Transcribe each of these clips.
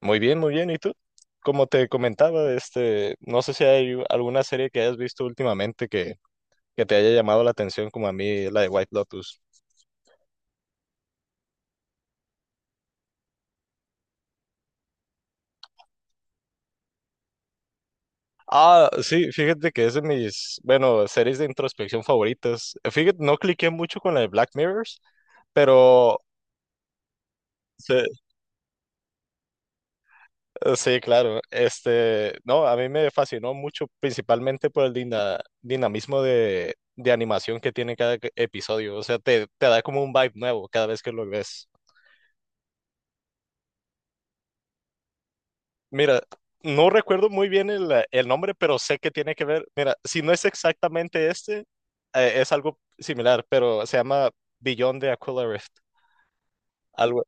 Muy bien, muy bien. ¿Y tú? Como te comentaba, no sé si hay alguna serie que hayas visto últimamente que te haya llamado la atención, como a mí, la de White Lotus. Ah, sí, fíjate que es de bueno, series de introspección favoritas. Fíjate, no cliqué mucho con la de Black Mirrors, pero sí, sí, claro. No, a mí me fascinó mucho, principalmente por el dinamismo de animación que tiene cada episodio. O sea, te da como un vibe nuevo cada vez que lo ves. Mira, no recuerdo muy bien el nombre, pero sé que tiene que ver. Mira, si no es exactamente este, es algo similar, pero se llama Beyond de Aquila Rift. Algo,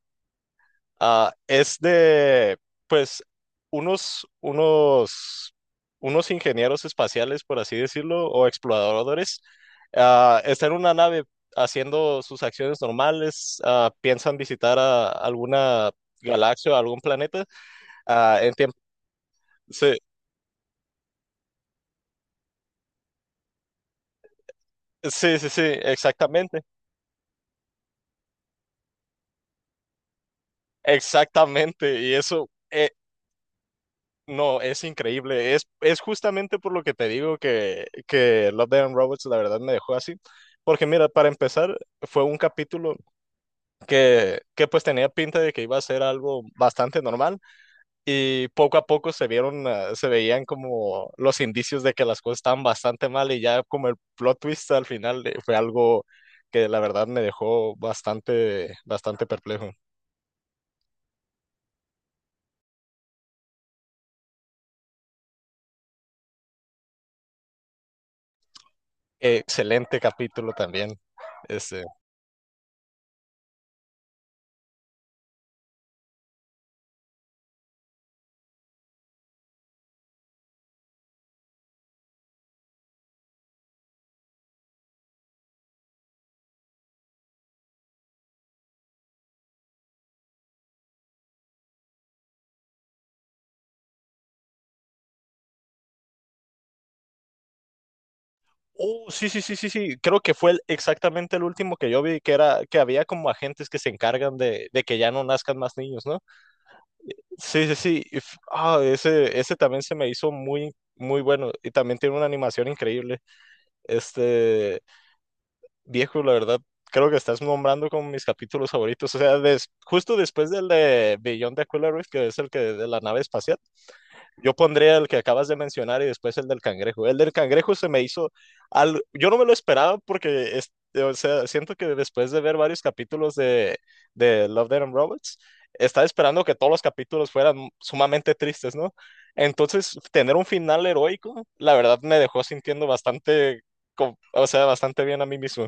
ah, es de, pues, unos, unos, unos ingenieros espaciales, por así decirlo, o exploradores. Ah, están en una nave haciendo sus acciones normales. Ah, piensan visitar a alguna galaxia o algún planeta, ah, en tiempo. Sí, sí, sí, exactamente, exactamente. Y eso, no, es increíble. Es justamente por lo que te digo que Love, Death and Robots la verdad me dejó así. Porque mira, para empezar, fue un capítulo que pues tenía pinta de que iba a ser algo bastante normal y poco a poco se veían como los indicios de que las cosas estaban bastante mal, y ya como el plot twist al final, fue algo que la verdad me dejó bastante, bastante perplejo. Excelente capítulo también. Este, oh, sí, sí, sí, sí, sí. Creo que fue exactamente el último que yo vi, que era que había como agentes que se encargan de que ya no nazcan más niños, ¿no? Sí, sí, sí. Ese, ese también se me hizo muy, muy bueno. Y también tiene una animación increíble. Este, viejo, la verdad, creo que estás nombrando como mis capítulos favoritos. O sea, justo después del de Beyond the Aquila Rift, que es el que de la nave espacial. Yo pondría el que acabas de mencionar y después el del cangrejo. El del cangrejo se me hizo al... Yo no me lo esperaba porque, o sea, siento que después de ver varios capítulos de Love, Death and Robots, estaba esperando que todos los capítulos fueran sumamente tristes, ¿no? Entonces, tener un final heroico, la verdad me dejó sintiendo bastante, o sea, bastante bien a mí mismo.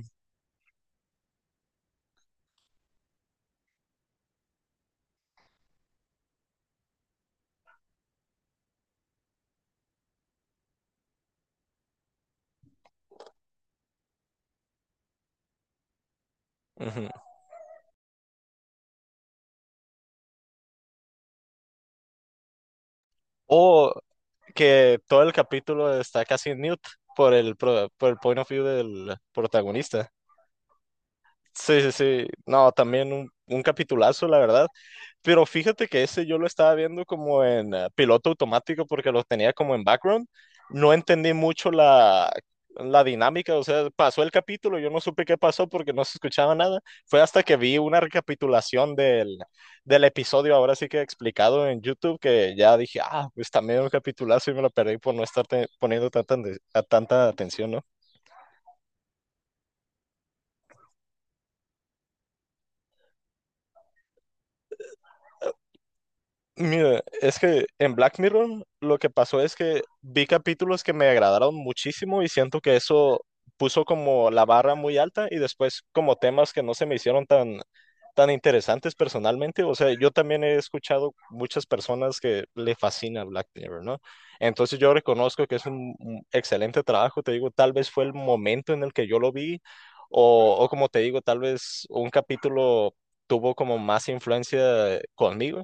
Ujú. O que todo el capítulo está casi en mute por el point of view del protagonista. Sí, sí, sí. No, también un capitulazo, la verdad. Pero fíjate que ese yo lo estaba viendo como en piloto automático, porque lo tenía como en background. No entendí mucho la dinámica. O sea, pasó el capítulo, yo no supe qué pasó porque no se escuchaba nada. Fue hasta que vi una recapitulación del episodio, ahora sí que explicado en YouTube, que ya dije, ah, pues también un capitulazo, y me lo perdí por no estar poniendo tanta, a tanta atención, ¿no? Mira, es que en Black Mirror lo que pasó es que vi capítulos que me agradaron muchísimo, y siento que eso puso como la barra muy alta, y después como temas que no se me hicieron tan, tan interesantes personalmente. O sea, yo también he escuchado muchas personas que le fascina Black Mirror, ¿no? Entonces yo reconozco que es un excelente trabajo. Te digo, tal vez fue el momento en el que yo lo vi, o como te digo, tal vez un capítulo tuvo como más influencia conmigo.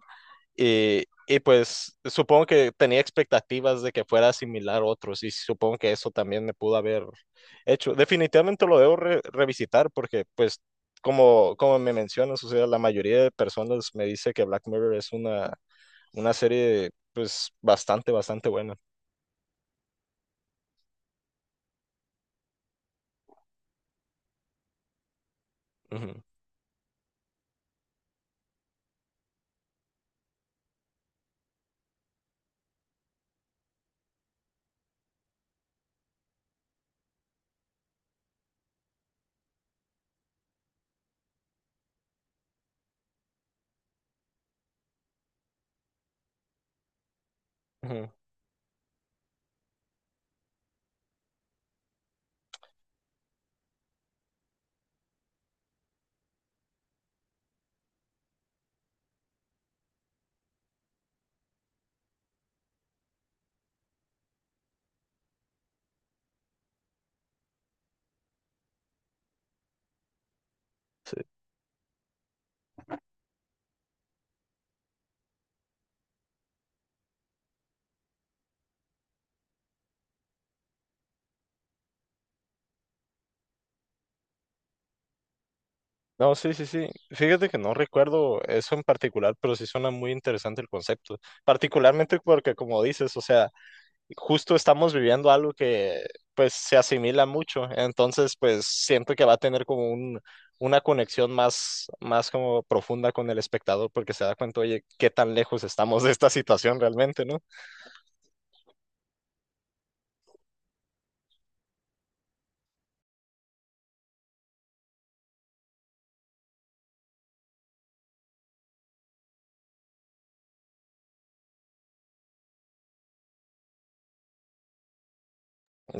Y pues supongo que tenía expectativas de que fuera similar a otros, y supongo que eso también me pudo haber hecho. Definitivamente lo debo revisitar, porque pues como, como me mencionas, o sea, la mayoría de personas me dice que Black Mirror es una serie pues bastante, bastante buena. Ujú, ujú. No, sí, sí, sí. Fíjate que no recuerdo eso en particular, pero sí suena muy interesante el concepto. Particularmente porque como dices, o sea, justo estamos viviendo algo que pues se asimila mucho, entonces pues siento que va a tener como una conexión más, más como profunda con el espectador, porque se da cuenta, oye, qué tan lejos estamos de esta situación realmente, ¿no?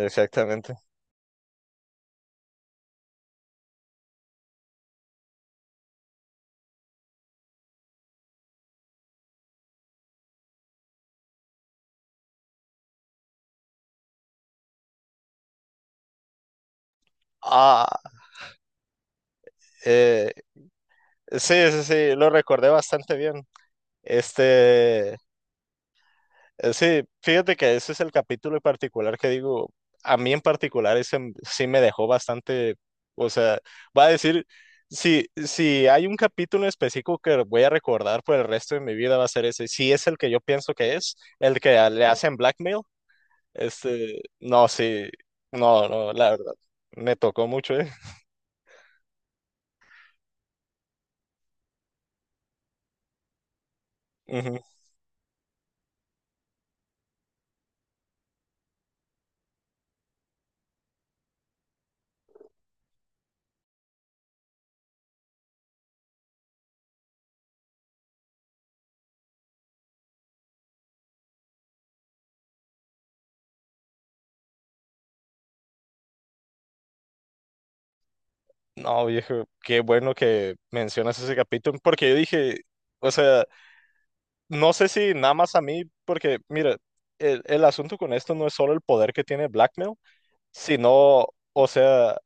Exactamente. Ah, eh, sí, sí, sí, lo recordé bastante bien. Este, eh, sí, fíjate que ese es el capítulo en particular que digo, a mí en particular ese sí me dejó bastante, o sea, va a decir, si hay un capítulo específico que voy a recordar por el resto de mi vida va a ser ese, si es el que yo pienso que es, el que le hacen blackmail, este, no, sí, no, no, la verdad, me tocó mucho, ¿eh? Ujú. No, viejo, qué bueno que mencionas ese capítulo, porque yo dije, o sea... No sé si nada más a mí, porque mira, el asunto con esto no es solo el poder que tiene Blackmail, sino, o sea,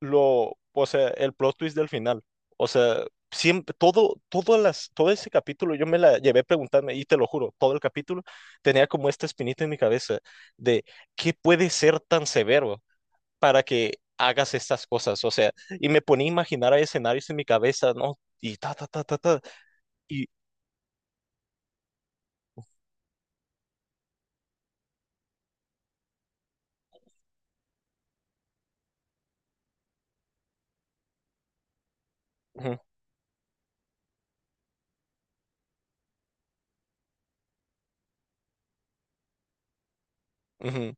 lo, o sea, el plot twist del final. O sea, siempre, todo ese capítulo, yo me la llevé preguntando, y te lo juro, todo el capítulo tenía como esta espinita en mi cabeza de qué puede ser tan severo para que hagas estas cosas. O sea, y me ponía a imaginar a escenarios en mi cabeza, ¿no? Y ta, ta, ta, ta, ta. Y, ujú, ujú.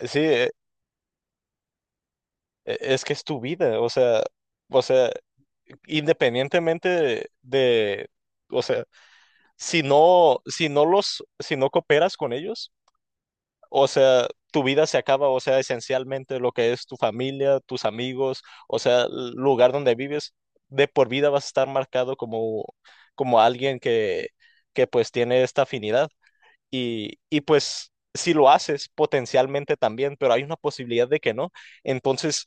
Sí, es que es tu vida, o sea, independientemente o sea, si no, si no si no cooperas con ellos, o sea, tu vida se acaba, o sea, esencialmente lo que es tu familia, tus amigos, o sea, el lugar donde vives, de por vida vas a estar marcado como, como alguien que pues tiene esta afinidad, y pues si lo haces potencialmente también, pero hay una posibilidad de que no. Entonces,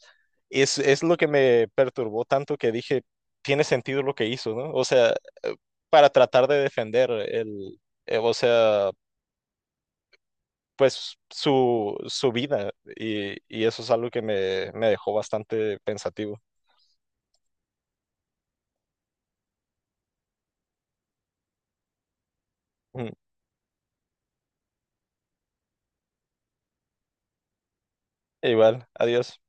es lo que me perturbó tanto que dije, tiene sentido lo que hizo, ¿no? O sea, eh, para tratar de defender o sea, su vida, y eso es algo que me dejó bastante pensativo. Mm. Igual, adiós.